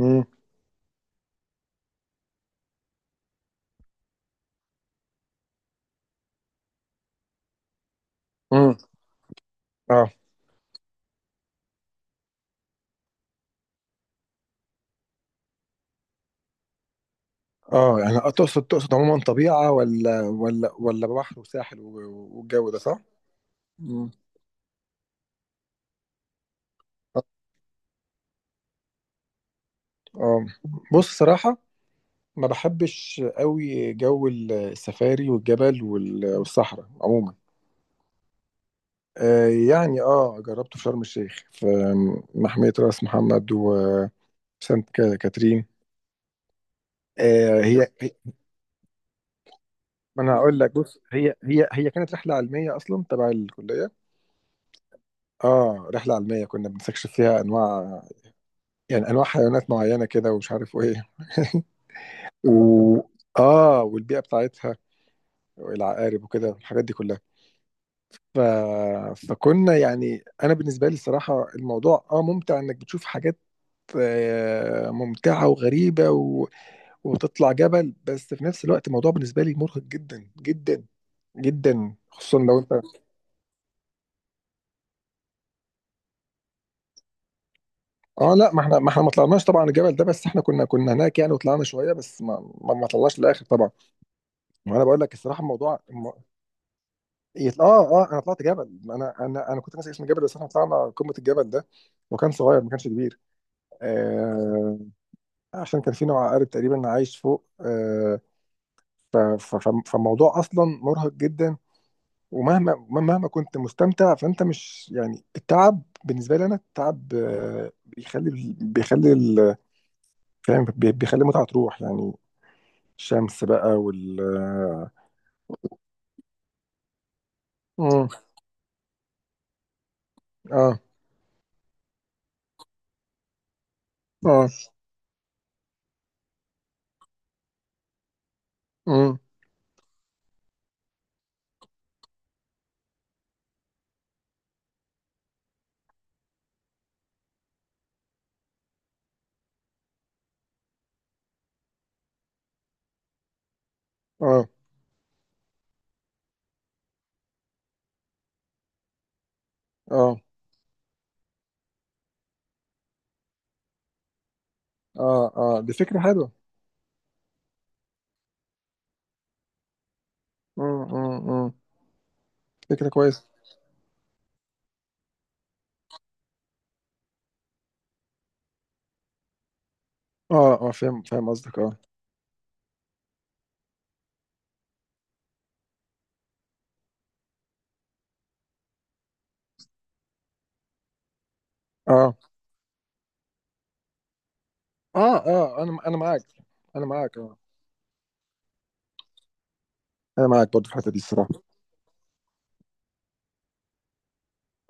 امم امم اه اه، يعني تقصد عموما طبيعة ولا ولا بحر وساحل والجو ده صح؟ امم اه، بص صراحة، ما بحبش قوي جو السفاري والجبل والصحراء عموما. آه يعني اه جربته في شرم الشيخ في محمية راس محمد وسانت كاترين. آه هي. ما انا هقول لك، بص، هي كانت رحلة علمية اصلا تبع الكلية. اه رحلة علمية كنا بنستكشف فيها انواع، يعني انواع حيوانات معينه كده ومش عارف ايه و اه والبيئه بتاعتها والعقارب وكده الحاجات دي كلها. ف... فكنا يعني، انا بالنسبه لي الصراحه الموضوع اه ممتع انك بتشوف حاجات ممتعه وغريبه وتطلع جبل، بس في نفس الوقت الموضوع بالنسبه لي مرهق جدا جدا جدا، خصوصا لو انت... اه لا، ما احنا ما طلعناش طبعا الجبل ده، بس احنا كنا هناك يعني وطلعنا شويه، بس ما طلعناش للاخر طبعا. وانا بقول لك الصراحه الموضوع يطل... اه اه انا طلعت جبل، انا كنت ناسي اسم الجبل، بس احنا طلعنا قمه الجبل ده وكان صغير ما كانش كبير. آه عشان كان في نوع عقارب تقريبا عايش فوق آه. فالموضوع اصلا مرهق جدا، ومهما كنت مستمتع فانت مش يعني، التعب بالنسبه لي، انا التعب آه بيخلي، بيخلي ال- بيخلي المتعه تروح يعني. الشمس بقى وال... اه اه اه اه اه اه اه، دي فكره حلوه. مم، مم، مم. فكرة كويسة. اه اه فاهم، فاهم قصدك، اه اه اه اه انا معاك، انا معاك اه. انا معاك برضو في الحتة دي الصراحة.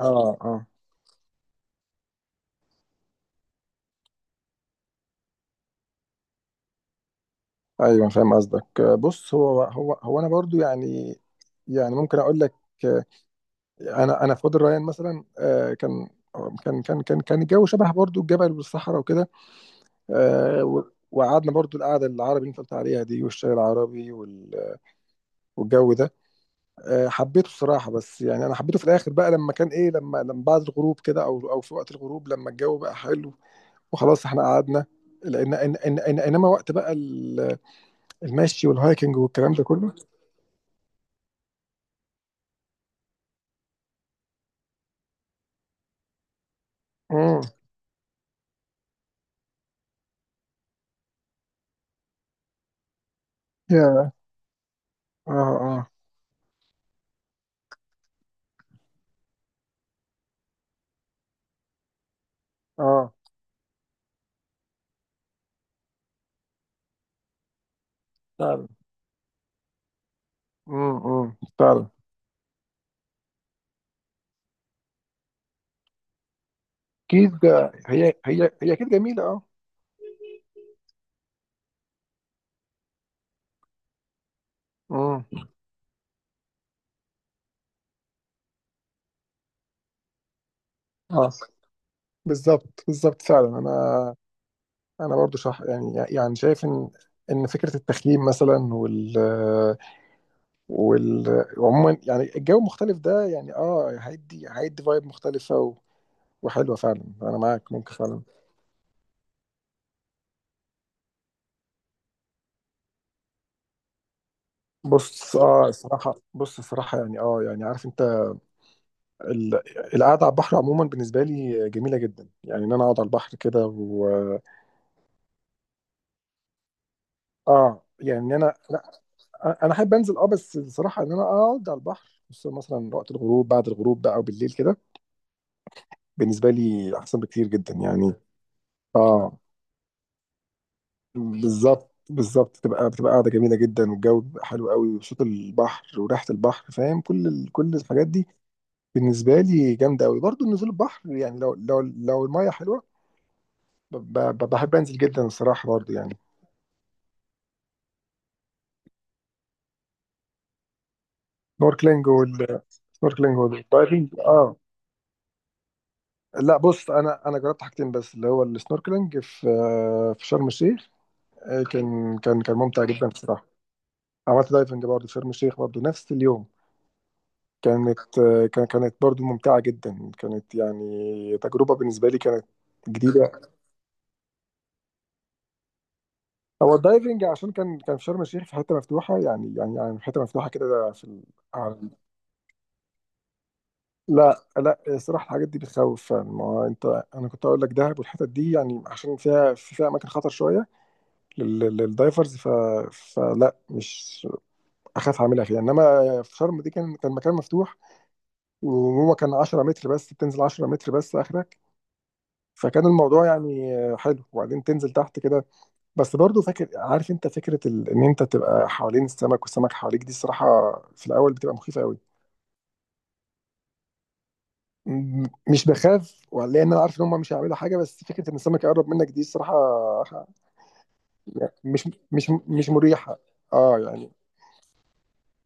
اه اه ايوه فاهم قصدك. آه، بص هو انا برضو يعني، يعني ممكن اقول لك، آه، انا في وادي الريان مثلا آه، كان الجو شبه برضو الجبل والصحراء وكده. آه، وقعدنا برضو القعده العربي اللي انت قلت عليها دي والشاي العربي والجو ده. آه، حبيته الصراحه، بس يعني انا حبيته في الاخر بقى لما كان ايه، لما بعد الغروب كده، او او في وقت الغروب لما الجو بقى حلو وخلاص احنا قعدنا، لان إن إن إن انما وقت بقى المشي والهايكنج والكلام ده كله. امم يا اه اه اه فعلا. فعلا. اكيد هي اكيد جميله اه. امم اه بالظبط بالظبط فعلا، انا انا برضو شح يعني، يعني شايف ان فكره التخييم مثلا وعموما يعني الجو المختلف ده، يعني اه هيدي فايب مختلفة وحلوة فعلا. انا معاك ممكن فعلا. بص اه الصراحة، بص الصراحة يعني اه يعني عارف انت ال... القعدة على البحر عموما بالنسبة لي جميلة جدا، يعني ان انا اقعد على البحر كده و... اه يعني انا لا، انا احب انزل اه، بس الصراحة ان انا اقعد على البحر خصوصا مثلا وقت الغروب، بعد الغروب بقى، او بالليل كده بالنسبة لي احسن بكتير جدا يعني. اه بالظبط بالظبط، تبقى قاعده جميله جدا، والجو بيبقى حلو قوي، وصوت البحر وريحه البحر، فاهم، كل كل الحاجات دي بالنسبه لي جامده قوي. برضو نزول البحر يعني، لو لو الميه حلوه بحب انزل جدا الصراحه برضو يعني. سنوركلينج وال... سنوركلينج والدايفنج اه. لا بص، انا جربت حاجتين بس، اللي هو السنوركلينج في في شرم الشيخ. آه، كان ممتع جدا الصراحه. عملت دايفنج برضو في شرم الشيخ برضو نفس اليوم. كانت آه، كانت برضو ممتعة جدا، كانت يعني تجربة بالنسبة لي كانت جديدة. هو الدايفنج عشان كان في شرم الشيخ في حتة مفتوحة يعني، يعني في حتة مفتوحة كده في على- لا لا، الصراحة الحاجات دي بتخوف فعلا. ما هو انت، انا كنت اقول لك دهب والحتت دي يعني، عشان فيها، في فيها اماكن خطر شوية للدايفرز. فلا، مش اخاف اعملها فيها، انما في شرم دي كان مكان مفتوح. وهو كان 10 متر بس، بتنزل 10 متر بس اخرك. فكان الموضوع يعني حلو، وبعدين تنزل تحت كده. بس برضو فاكر، عارف انت فكره ان انت تبقى حوالين السمك والسمك حواليك، دي الصراحه في الاول بتبقى مخيفه قوي. مش بخاف، لان انا عارف ان هم مش هيعملوا حاجه، بس فكره ان السمك يقرب منك دي الصراحه مش مريحه اه يعني.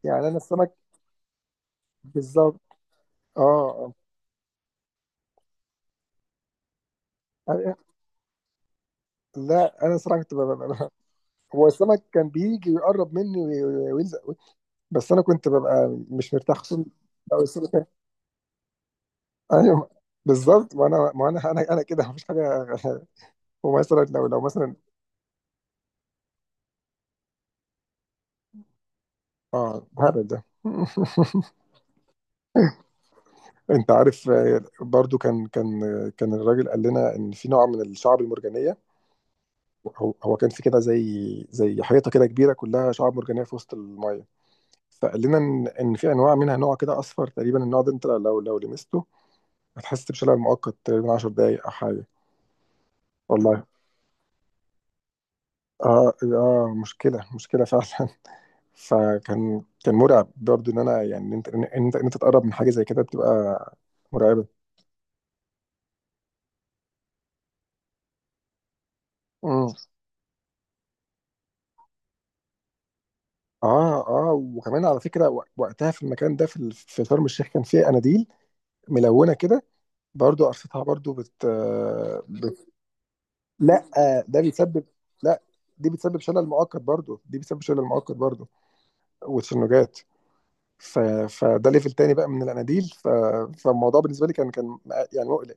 يعني انا السمك بالظبط اه. آه. لا انا الصراحه كنت ببقى. هو السمك كان بيجي ويقرب مني ويلزق، بس انا كنت ببقى مش مرتاح، خصوصا لو السمك... ايوه بالظبط، ما انا كده مفيش حاجه ومثلا لو مثلا... اه هبل ده انت عارف آه، برضو كان كان آه، كان الراجل قال لنا ان في نوع من الشعب المرجانيه. هو كان في كده زي، زي حيطه كده كبيره كلها شعاب مرجانيه في وسط الميه. فقال لنا ان في انواع منها، نوع كده اصفر تقريبا، النوع ده انت لو لمسته هتحس بشلل مؤقت تقريبا 10 دقائق او حاجه. والله اه اه مشكله، مشكله فعلا. فكان مرعب برضه، ان انا يعني، ان انت تتقرب من حاجه زي كده بتبقى مرعبه. امم اه اه وكمان على فكره وقتها في المكان ده في في شرم الشيخ كان فيه اناديل ملونه كده برضه قرصتها برضه لا آه، ده بيسبب، لا، دي بتسبب شلل مؤقت برضه، وتشنجات. ف... فده ليفل تاني بقى من الاناديل. فالموضوع بالنسبه لي كان يعني مقلق.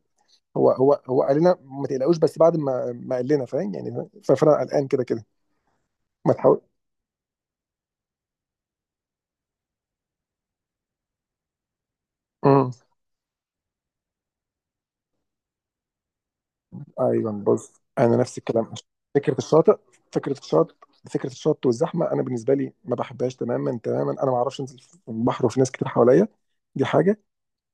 هو قال لنا ما تقلقوش، بس بعد ما ما قال لنا فاهم يعني فانا قلقان كده كده. ما تحاول. امم ايوه بص، انا نفس الكلام. فكره الشاطئ فكره الشاطئ، فكره الشط والزحمه انا بالنسبه لي ما بحبهاش تماما تماما. انا ما اعرفش انزل في البحر وفي ناس كتير حواليا، دي حاجه.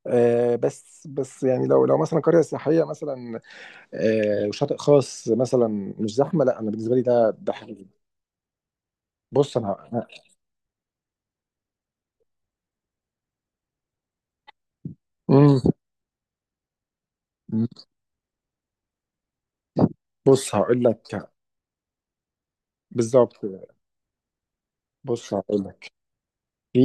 آه بس بس، يعني لو لو مثلا قريه سياحيه مثلا، آه وشاطئ خاص مثلا مش زحمه، لا انا بالنسبه لي ده ده حاجه. بص انا... امم بص هقول لك، بالظبط. بص هقول لك، في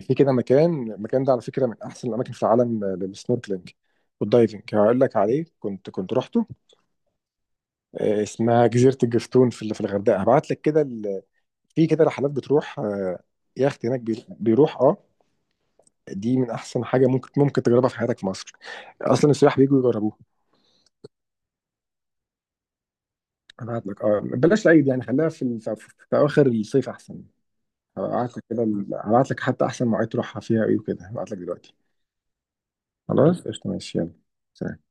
في كده مكان، المكان ده على فكره من احسن الاماكن في العالم للسنوركلينج والدايفنج. هقول لك عليه، كنت كنت رحته آه، اسمها جزيره الجفتون في في الغردقه. هبعت لك كده في كده رحلات بتروح آه، يخت هناك بيروح اه. دي من احسن حاجه ممكن تجربها في حياتك في مصر، اصلا السياح بيجوا يجربوها. هبعت لك اه. بلاش العيد يعني، خليها في في في اواخر الصيف احسن. هبعت لك كده هبعت لك حتى احسن مواعيد تروحها فيها ايه وكده، هبعت لك دلوقتي. خلاص قشطه ماشي يلا، سلام.